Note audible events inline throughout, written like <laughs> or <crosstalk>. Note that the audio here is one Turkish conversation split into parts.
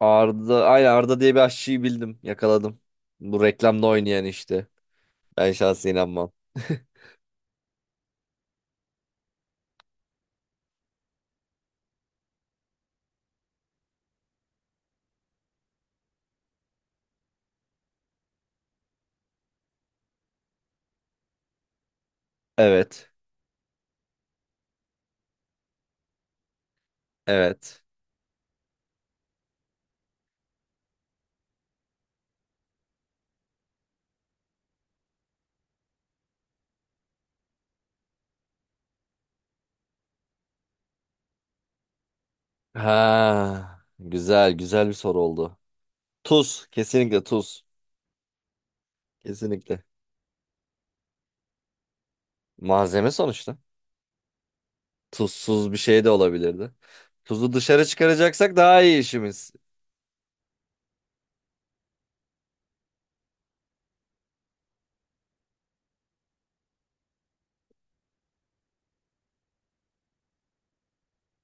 Arda, aynen Arda diye bir aşçıyı bildim. Yakaladım. Bu reklamda oynayan işte. Ben şahsen inanmam. <laughs> Evet. Evet. Ha, güzel, güzel bir soru oldu. Tuz, kesinlikle tuz. Kesinlikle. Malzeme sonuçta. Tuzsuz bir şey de olabilirdi. Tuzu dışarı çıkaracaksak daha iyi işimiz.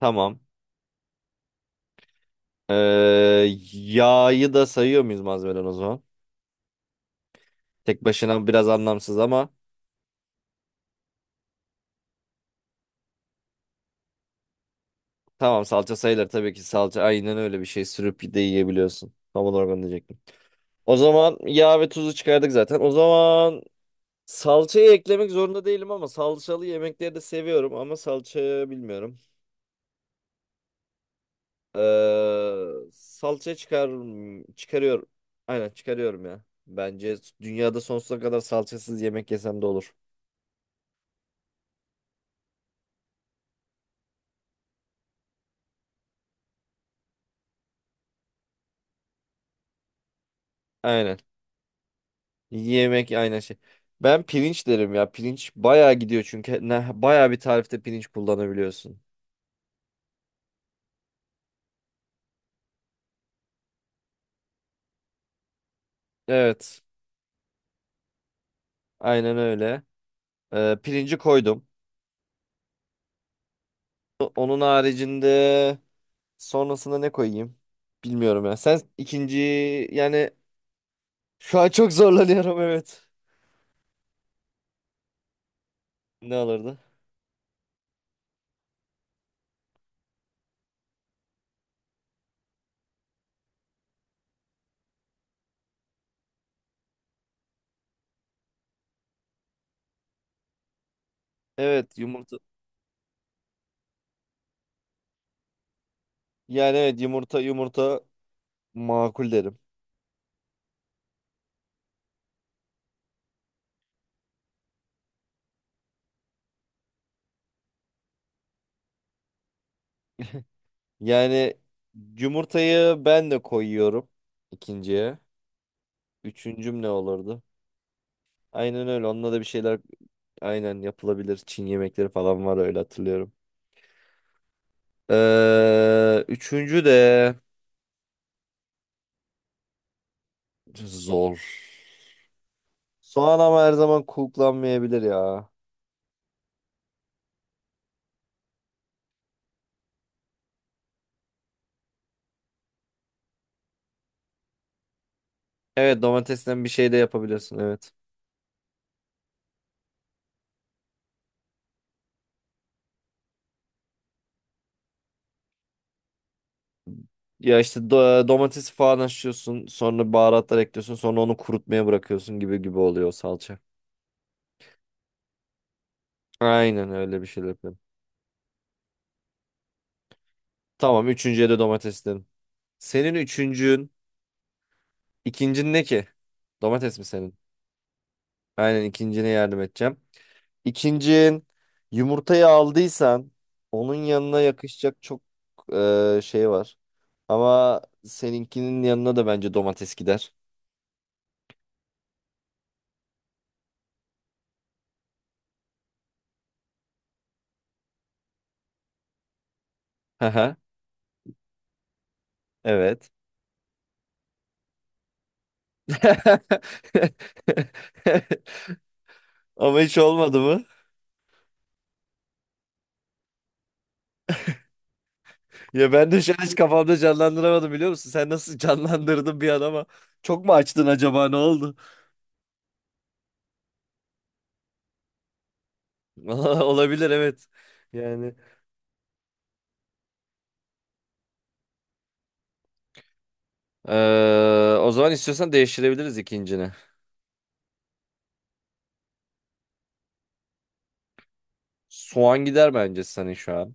Tamam. Ee, Yağı da sayıyor muyuz malzemeden o zaman? Tek başına biraz anlamsız ama tamam, salça sayılır. Tabii ki salça aynen öyle bir şey sürüp de yiyebiliyorsun. Tam olarak onu diyecektim. O zaman yağ ve tuzu çıkardık zaten. O zaman salçayı eklemek zorunda değilim ama salçalı yemekleri de seviyorum ama salça bilmiyorum. Salça çıkar Çıkarıyorum. Aynen çıkarıyorum ya. Bence dünyada sonsuza kadar salçasız yemek yesem de olur. Aynen. Yemek aynen şey. Ben pirinç derim ya. Pirinç bayağı gidiyor çünkü ne bayağı bir tarifte pirinç kullanabiliyorsun. Evet. Aynen öyle. Pirinci koydum. Onun haricinde sonrasında ne koyayım? Bilmiyorum ya. Sen ikinci, yani şu an çok zorlanıyorum, evet. Ne alırdı? Evet, yumurta. Yani evet, yumurta makul derim. Yani yumurtayı ben de koyuyorum ikinciye. Üçüncüm ne olurdu? Aynen öyle. Onunla da bir şeyler aynen yapılabilir. Çin yemekleri falan var öyle hatırlıyorum. Üçüncü de zor. Soğan ama her zaman kullanmayabilir ya. Evet, domatesten bir şey de yapabilirsin, evet. Ya işte domatesi falan haşlıyorsun, sonra baharatlar ekliyorsun, sonra onu kurutmaya bırakıyorsun gibi gibi oluyor o salça. Aynen öyle bir şeyler yapıyorum. Tamam, üçüncüye de domates dedim. Senin üçüncün, ikincin ne ki? Domates mi senin? Aynen, ikincine yardım edeceğim. İkincin, yumurtayı aldıysan onun yanına yakışacak çok şey var. Ama seninkinin yanına da bence domates gider. Hı hı. Evet. <laughs> Ama hiç olmadı mı? Ya ben de şu an hiç kafamda canlandıramadım, biliyor musun? Sen nasıl canlandırdın bir an, ama çok mu açtın acaba, ne oldu? <laughs> Olabilir, evet. Yani, o zaman istiyorsan değiştirebiliriz ikincini. Soğan gider bence senin şu an.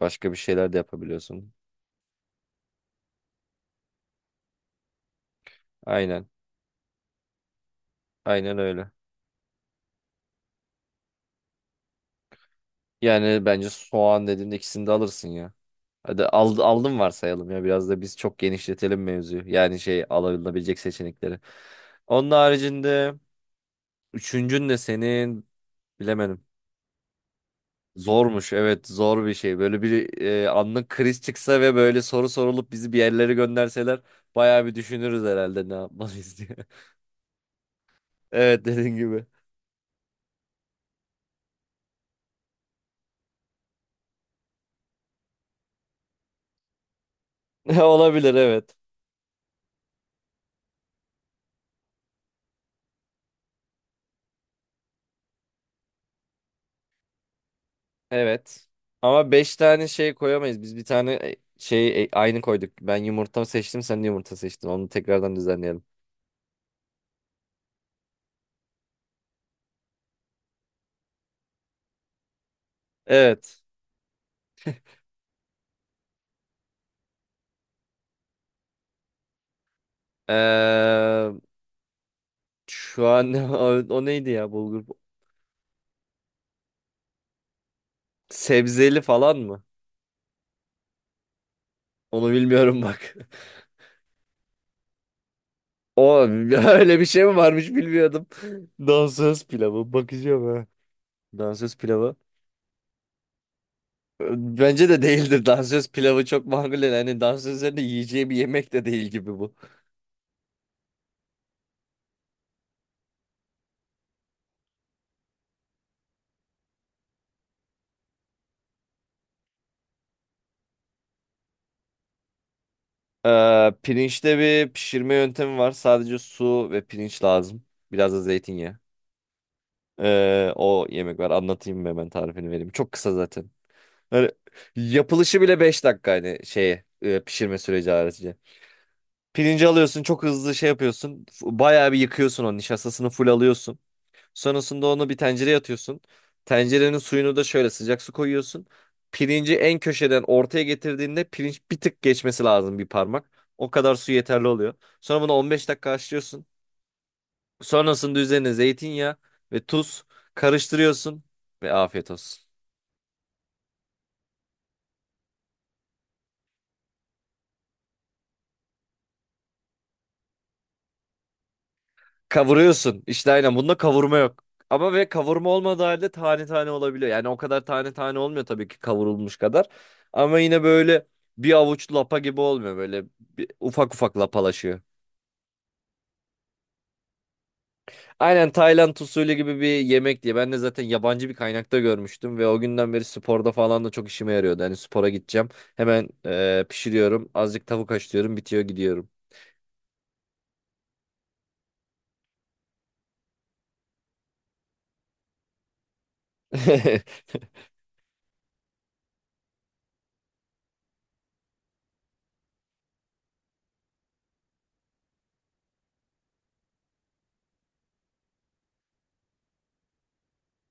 Başka bir şeyler de yapabiliyorsun. Aynen. Aynen öyle. Yani bence soğan dediğimde ikisini de alırsın ya. Hadi al, aldım varsayalım ya. Biraz da biz çok genişletelim mevzuyu. Yani şey, alınabilecek seçenekleri. Onun haricinde üçüncün de senin, bilemedim. Zormuş, evet, zor bir şey. Böyle bir anlık kriz çıksa ve böyle soru sorulup bizi bir yerlere gönderseler bayağı bir düşünürüz herhalde ne yapmalıyız diye. <laughs> Evet, dediğin gibi. <laughs> Olabilir, evet. Evet. Ama 5 tane şey koyamayız. Biz bir tane aynı koyduk. Ben yumurta seçtim, sen de yumurta seçtin. Onu tekrardan düzenleyelim. Evet. Ee, Şu an <laughs> o, o neydi ya, bulgur? Sebzeli falan mı? Onu bilmiyorum bak. <laughs> O öyle bir şey mi varmış, bilmiyordum. <laughs> Dansöz pilavı bakacağım ha. Dansöz pilavı. Bence de değildir. <laughs> Dansöz pilavı çok makul değil. Hani dansözlerin de yiyeceği bir yemek de değil gibi bu. Pirinçte bir pişirme yöntemi var. Sadece su ve pirinç lazım. Biraz da zeytinyağı. O yemek var. Anlatayım mı, hemen tarifini vereyim. Çok kısa zaten. Yani yapılışı bile 5 dakika, hani şeye pişirme süreci harici. Pirinci alıyorsun, çok hızlı şey yapıyorsun. Bayağı bir yıkıyorsun onu, nişastasını full alıyorsun. Sonrasında onu bir tencereye atıyorsun. Tencerenin suyunu da şöyle, sıcak su koyuyorsun. Pirinci en köşeden ortaya getirdiğinde pirinç bir tık geçmesi lazım, bir parmak. O kadar su yeterli oluyor. Sonra bunu 15 dakika haşlıyorsun. Sonrasında üzerine zeytinyağı ve tuz karıştırıyorsun ve afiyet olsun. Kavuruyorsun. İşte aynen, bunda kavurma yok. Ama ve kavurma olmadığı halde tane tane olabiliyor. Yani o kadar tane tane olmuyor tabii ki, kavrulmuş kadar. Ama yine böyle bir avuç lapa gibi olmuyor. Böyle bir, ufak ufak lapalaşıyor. Aynen Tayland usulü gibi bir yemek diye. Ben de zaten yabancı bir kaynakta görmüştüm. Ve o günden beri sporda falan da çok işime yarıyordu. Hani spora gideceğim. Hemen pişiriyorum. Azıcık tavuk haşlıyorum. Bitiyor, gidiyorum. <laughs>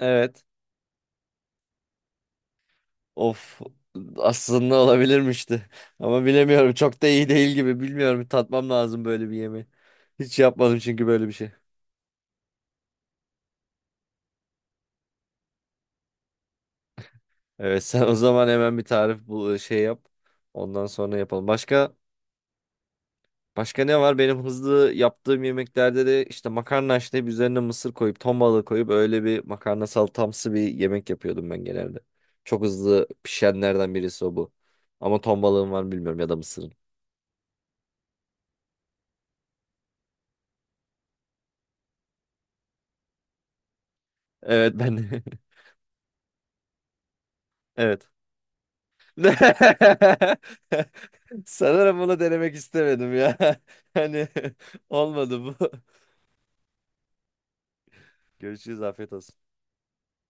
Evet. Of, aslında olabilirmişti. Ama bilemiyorum, çok da iyi değil gibi, bilmiyorum, bir tatmam lazım böyle bir yemeği. Hiç yapmadım çünkü böyle bir şey. Evet <laughs> sen o zaman hemen bir tarif bul, şey yap. Ondan sonra yapalım. Başka ne var? Benim hızlı yaptığım yemeklerde de işte makarna haşlayıp üzerine mısır koyup ton balığı koyup öyle bir makarna salatamsı bir yemek yapıyordum ben genelde. Çok hızlı pişenlerden birisi o bu. Ama ton balığın var mı bilmiyorum, ya da mısırın. Evet ben <laughs> evet. <laughs> Sanırım bunu denemek istemedim ya. <laughs> Hani <laughs> olmadı bu. Görüşürüz, afiyet olsun.